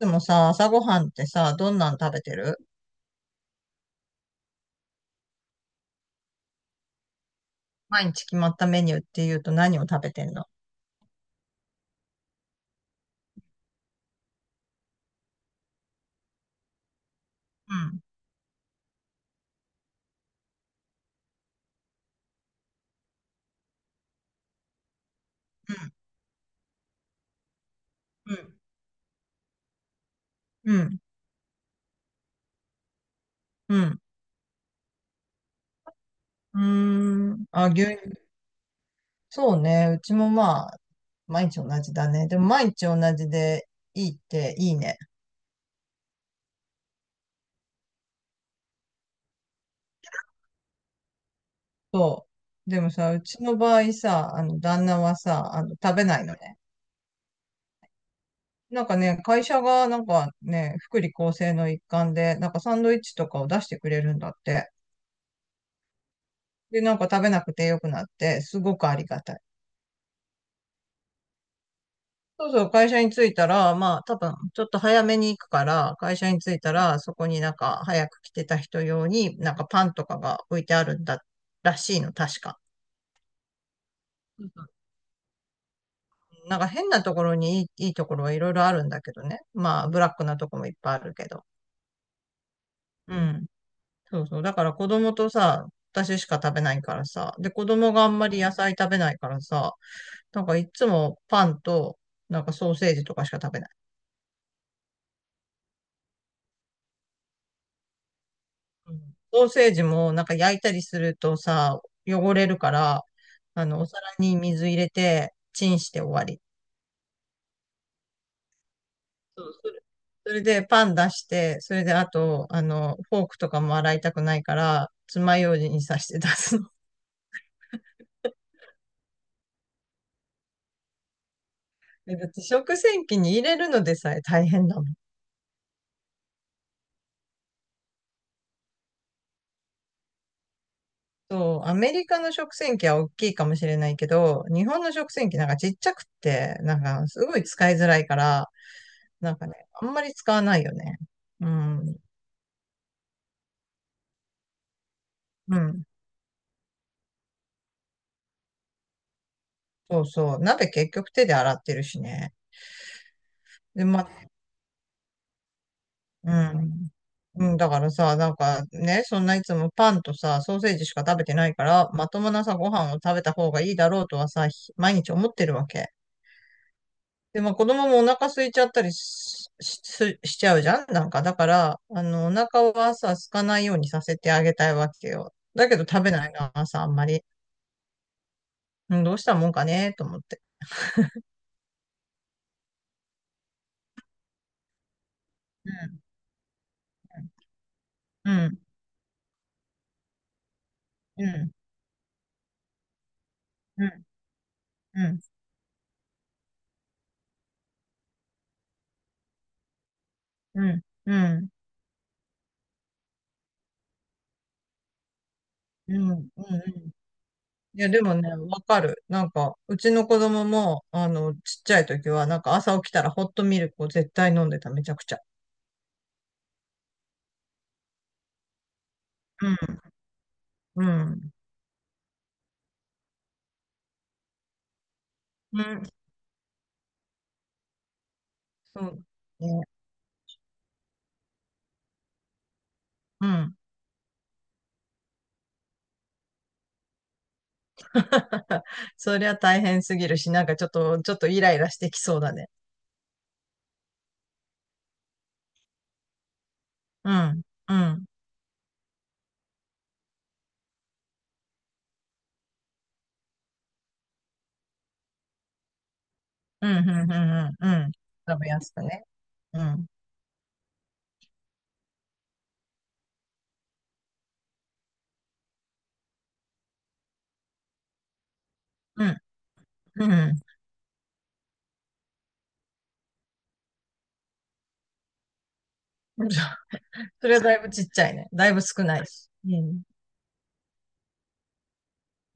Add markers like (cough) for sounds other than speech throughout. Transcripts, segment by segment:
でもさ、朝ごはんってさ、どんなの食べてる？毎日決まったメニューって言うと何を食べてんの？うん、うん、うん、うん。うん。うーん。あ、牛乳。そうね。うちもまあ、毎日同じだね。でも毎日同じでいいっていいね。そう。でもさ、うちの場合さ、旦那はさ、食べないのね。なんかね、会社がなんかね、福利厚生の一環で、なんかサンドイッチとかを出してくれるんだって。で、なんか食べなくてよくなって、すごくありがたい。そうそう、会社に着いたら、まあ、多分、ちょっと早めに行くから、会社に着いたら、そこになんか、早く来てた人用に、なんかパンとかが置いてあるんだ、らしいの、確か。なんか変なところにいいところはいろいろあるんだけどね。まあ、ブラックなとこもいっぱいあるけど。うん。そうそう。だから子供とさ、私しか食べないからさ。で、子供があんまり野菜食べないからさ、なんかいつもパンと、なんかソーセージとかしか食べない。うん。ソーセージもなんか焼いたりするとさ、汚れるから、お皿に水入れて、チンして終わり。そう。それでパン出して、それであと、フォークとかも洗いたくないから、爪楊枝に刺して出すの。(laughs) だって食洗機に入れるのでさえ大変だもん。そう、アメリカの食洗機は大きいかもしれないけど、日本の食洗機なんかちっちゃくって、なんかすごい使いづらいから、なんかね、あんまり使わないよね。うん。うん。そうそう。鍋結局手で洗ってるしね。で、ま、うん。うん、だからさ、なんかね、そんないつもパンとさ、ソーセージしか食べてないから、まともなさ、ご飯を食べた方がいいだろうとはさ、毎日思ってるわけ。で、まあ子供もお腹空いちゃったりしちゃうじゃんなんか、だから、お腹はさ、空かないようにさせてあげたいわけよ。だけど食べないな、朝あんまり。うん、どうしたもんかね、と思って。うん、うん、うん、うん、うん、うん、うん。うん。うん、うん、うん。いや、でもね、わかる。なんか、うちの子供も、ちっちゃい時は、なんか朝起きたらホットミルクを絶対飲んでた、めちゃくちゃ。うん、うん。うん、そうね。うん。(laughs) そりゃ大変すぎるし、なんかちょっとイライラしてきそうだね。うん、うん、うん、うん、うん、うん。うん。食べやすくね。うん、うん、うん。(laughs) それはだいぶちっちゃいね。だいぶ少ないし。うん、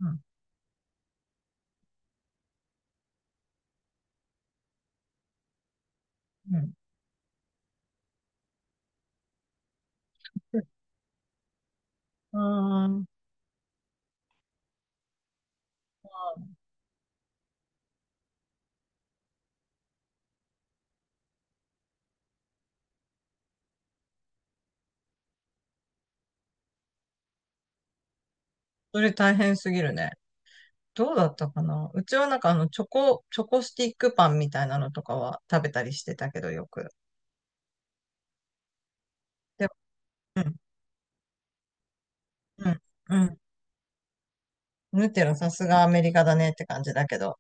うん、うん。うん。うん。それ大変すぎるね。どうだったかな。うちはなんかチョコスティックパンみたいなのとかは食べたりしてたけどよく。でも、うん、うん、うん。ヌテラさすがアメリカだねって感じだけど。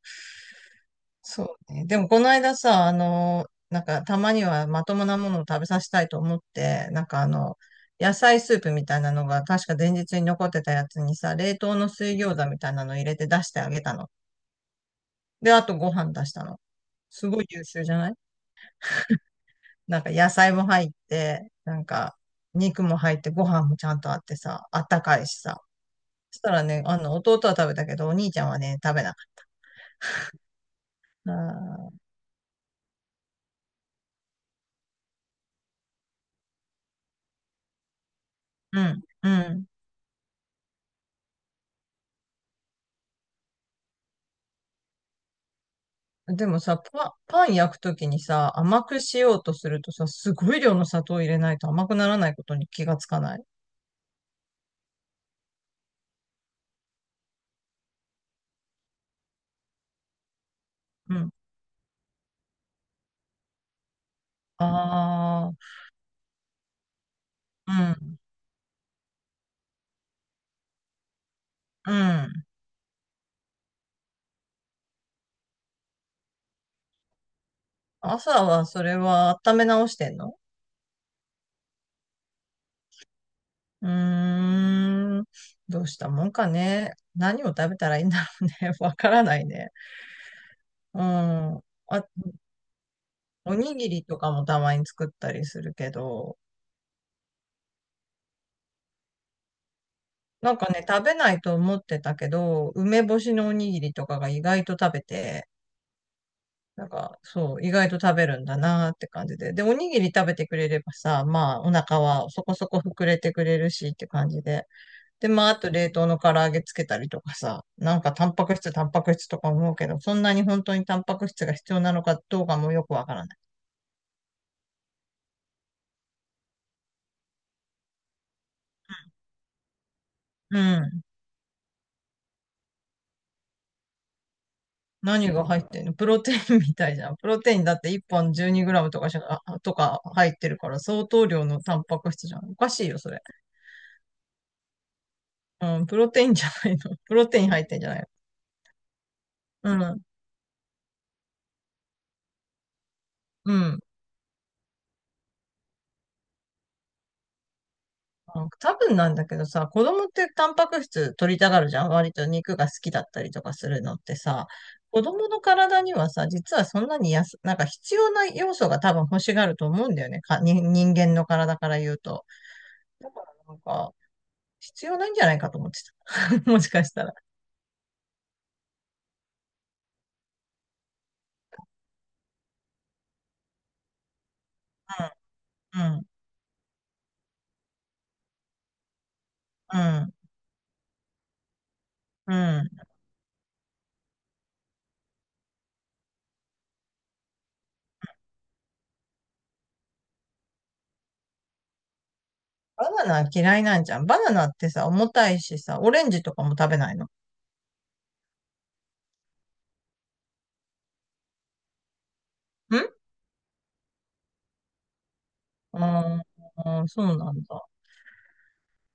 そうね。でもこの間さ、なんかたまにはまともなものを食べさせたいと思って、なんか野菜スープみたいなのが確か前日に残ってたやつにさ、冷凍の水餃子みたいなの入れて出してあげたの。で、あとご飯出したの。すごい優秀じゃない？なんか野菜も入って、なんか肉も入ってご飯もちゃんとあってさ、あったかいしさ。そしたらね、弟は食べたけど、お兄ちゃんはね、食べなかった。あー。うん、うん。でもさ、パン焼くときにさ、甘くしようとするとさ、すごい量の砂糖入れないと甘くならないことに気がつかない。うん。ああ、うん、うん。朝はそれは温め直してんの？うーん。どうしたもんかね。何を食べたらいいんだろうね。(laughs) わからないね。うん。あ、おにぎりとかもたまに作ったりするけど、なんかね、食べないと思ってたけど、梅干しのおにぎりとかが意外と食べて、なんか、そう、意外と食べるんだなーって感じで。で、おにぎり食べてくれればさ、まあ、お腹はそこそこ膨れてくれるしって感じで。で、まあ、あと冷凍の唐揚げつけたりとかさ、なんかタンパク質、タンパク質とか思うけど、そんなに本当にタンパク質が必要なのかどうかもよくわからない。何が入ってんの？プロテインみたいじゃん。プロテインだって1本 12g とかしか、とか入ってるから相当量のタンパク質じゃん。おかしいよ、それ。うん、プロテインじゃないの？(laughs) プロテイン入ってんじゃないの？うん、うん。あ、多分なんだけどさ、子供ってタンパク質取りたがるじゃん。割と肉が好きだったりとかするのってさ、子供の体にはさ、実はそんなになんか必要な要素が多分欲しがると思うんだよね。に人間の体から言うと。だからなんか、必要ないんじゃないかと思って (laughs) もしかしたら。うん、うん、うん。うん。バナナ嫌いなんじゃん。バナナってさ、重たいしさ、オレンジとかも食べないの？ん。ああー、そうなんだ。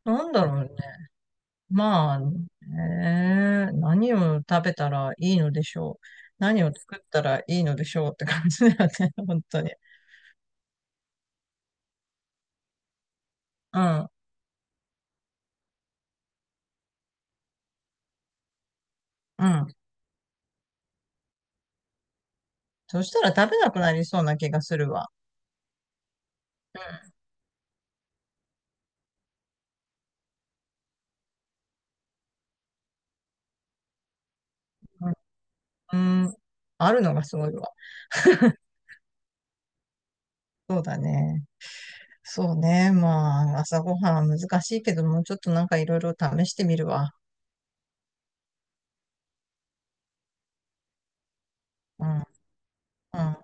なんだろうね。まあ、ねえ何を食べたらいいのでしょう。何を作ったらいいのでしょうって感じだよね。(laughs) 本当に。うん、うん。そしたら食べなくなりそうな気がするわ。うん、うん、あるのがすごいわ。(laughs) そうだね。そうね。まあ、朝ごはんは難しいけども、ちょっとなんかいろいろ試してみるわ。うん、うん。